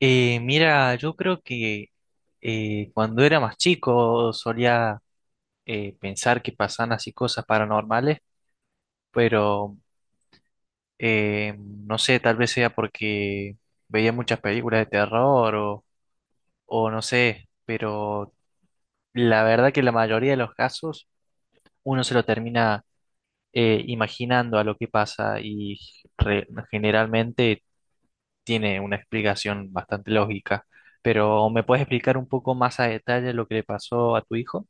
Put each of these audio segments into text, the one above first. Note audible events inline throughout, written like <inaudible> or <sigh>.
Yo creo que cuando era más chico solía pensar que pasaban así cosas paranormales, pero no sé, tal vez sea porque veía muchas películas de terror o no sé, pero la verdad que la mayoría de los casos uno se lo termina imaginando a lo que pasa y re- generalmente tiene una explicación bastante lógica, pero ¿me puedes explicar un poco más a detalle lo que le pasó a tu hijo?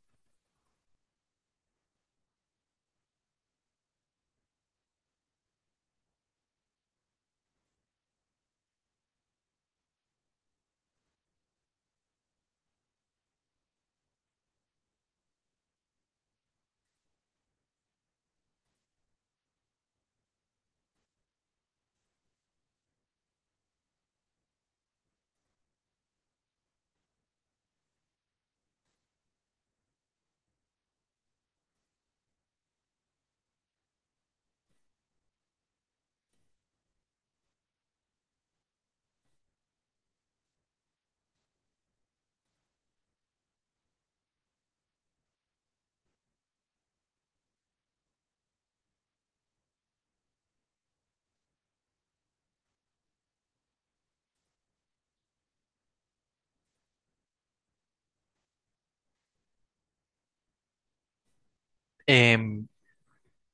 Em,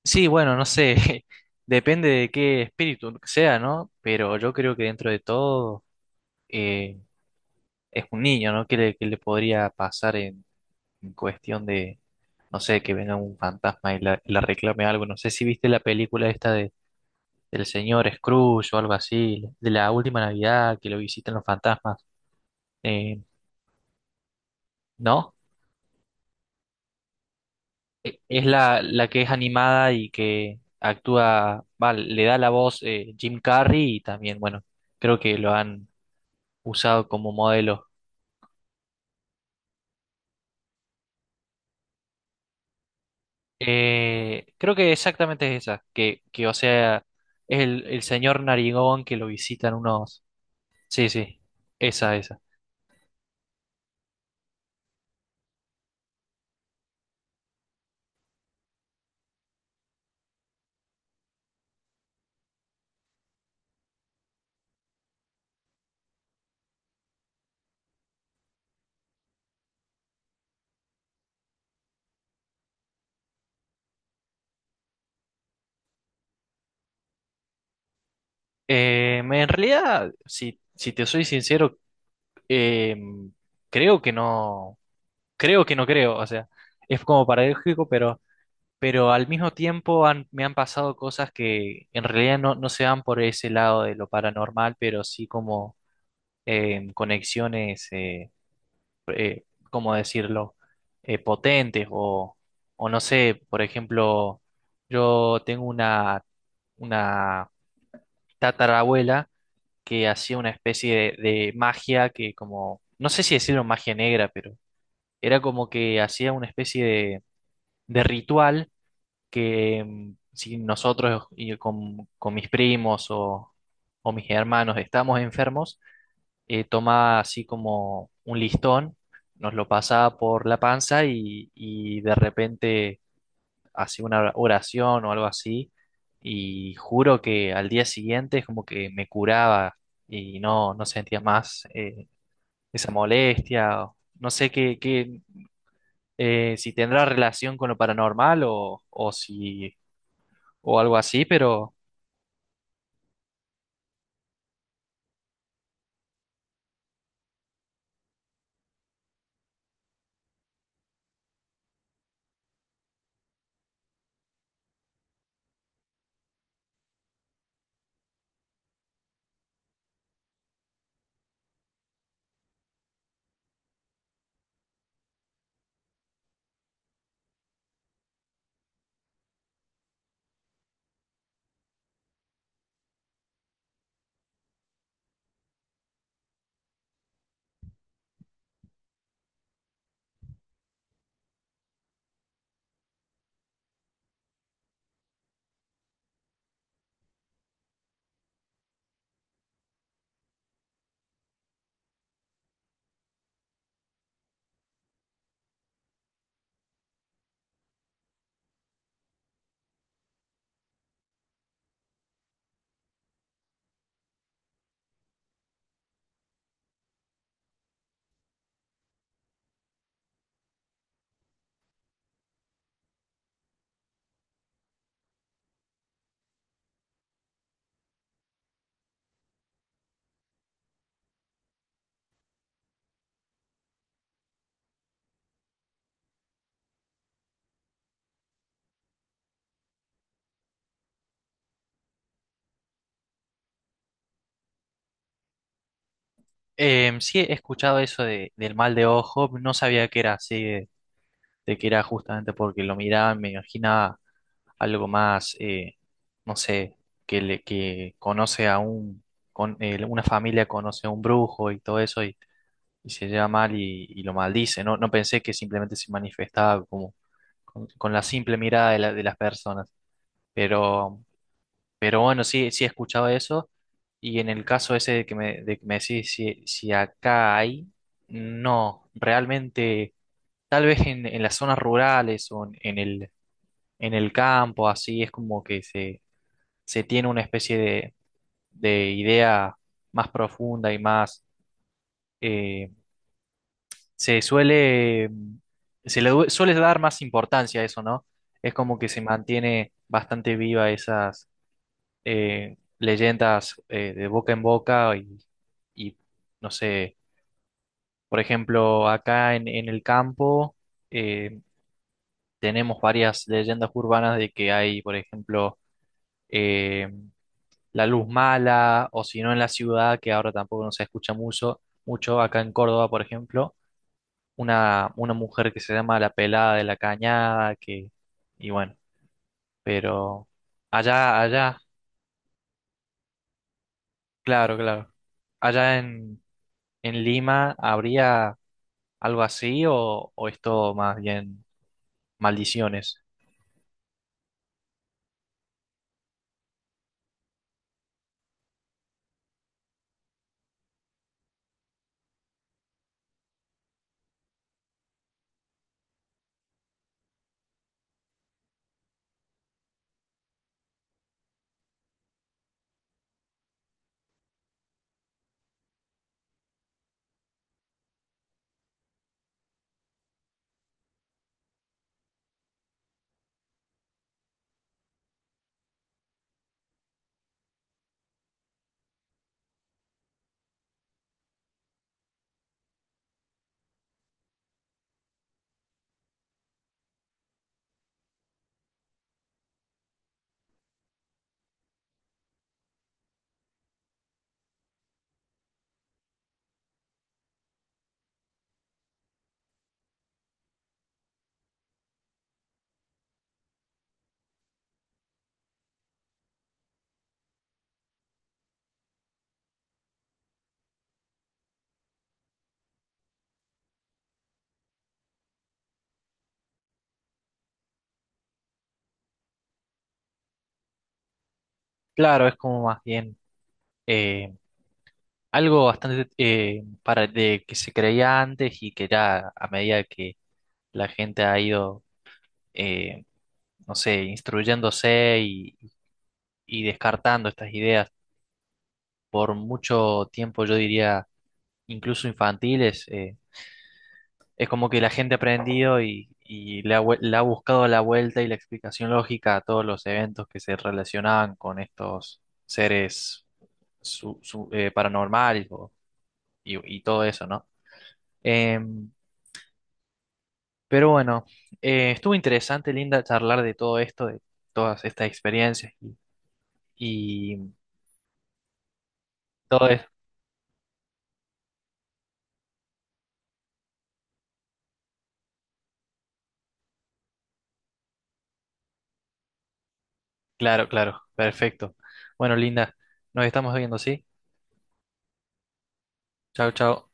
sí, bueno, no sé, <laughs> depende de qué espíritu sea, ¿no? Pero yo creo que dentro de todo eh, es un niño, ¿no? ¿Qué qué le podría pasar en cuestión de, no sé, que venga un fantasma y la reclame algo? No sé si viste la película esta del señor Scrooge o algo así, de la última Navidad que lo visitan los fantasmas, eh, ¿no? Es la que es animada y que actúa, va, le da la voz Jim Carrey y también, bueno, creo que lo han usado como modelo. Creo que exactamente es esa, que o sea, es el señor Narigón que lo visitan unos... Sí, sí, esa, esa. En realidad, si te soy sincero, eh, creo que no, creo que no creo, o sea, es como paradójico, pero al mismo tiempo me han pasado cosas que en realidad no, no se van por ese lado de lo paranormal, pero sí como conexiones, eh, ¿cómo decirlo? Potentes o no sé, por ejemplo, yo tengo una tatarabuela que hacía una especie de magia que como, no sé si decirlo magia negra, pero era como que hacía una especie de ritual que mm, si nosotros y con mis primos o mis hermanos estamos enfermos, tomaba así como un listón, nos lo pasaba por la panza y de repente hacía una oración o algo así. Y juro que al día siguiente es como que me curaba y no, no sentía más esa molestia. No sé qué, si tendrá relación con lo paranormal o si o algo así, pero... sí, he escuchado eso del mal de ojo, no sabía que era así, de que era justamente porque lo miraba, me imaginaba algo más, no sé, que conoce a un, una familia conoce a un brujo y todo eso y se lleva mal y lo maldice, no, no pensé que simplemente se manifestaba como con la simple mirada de las personas, pero pero bueno, sí, sí he escuchado eso. Y en el caso ese de que de que me decís si acá hay, no, realmente, tal vez en las zonas rurales o en el campo, así es como que se tiene una especie de idea más profunda y más, eh, se suele, suele dar más importancia a eso, ¿no? Es como que se mantiene bastante viva esas leyendas de boca en boca y, no sé, por ejemplo, acá en el campo eh, tenemos varias leyendas urbanas de que hay, por ejemplo, eh, la luz mala o si no en la ciudad, que ahora tampoco no se escucha mucho, mucho acá en Córdoba, por ejemplo, una mujer que se llama la pelada de la cañada, que, y bueno, pero allá, allá, claro, claro, allá en Lima habría algo así o es todo más bien ¿maldiciones? Claro, es como más bien eh, algo bastante para de que se creía antes y que ya a medida que la gente ha ido, eh, no sé, instruyéndose y descartando estas ideas por mucho tiempo, yo diría incluso infantiles. Es como que la gente ha aprendido y le ha, le ha buscado la vuelta y la explicación lógica a todos los eventos que se relacionaban con estos seres paranormales y todo eso, ¿no? Em, pero bueno, estuvo interesante, Linda, charlar de todo esto, de todas estas experiencias y todo es... Claro, claro, perfecto. Bueno, Linda, nos estamos viendo, ¿sí? Chao, chao.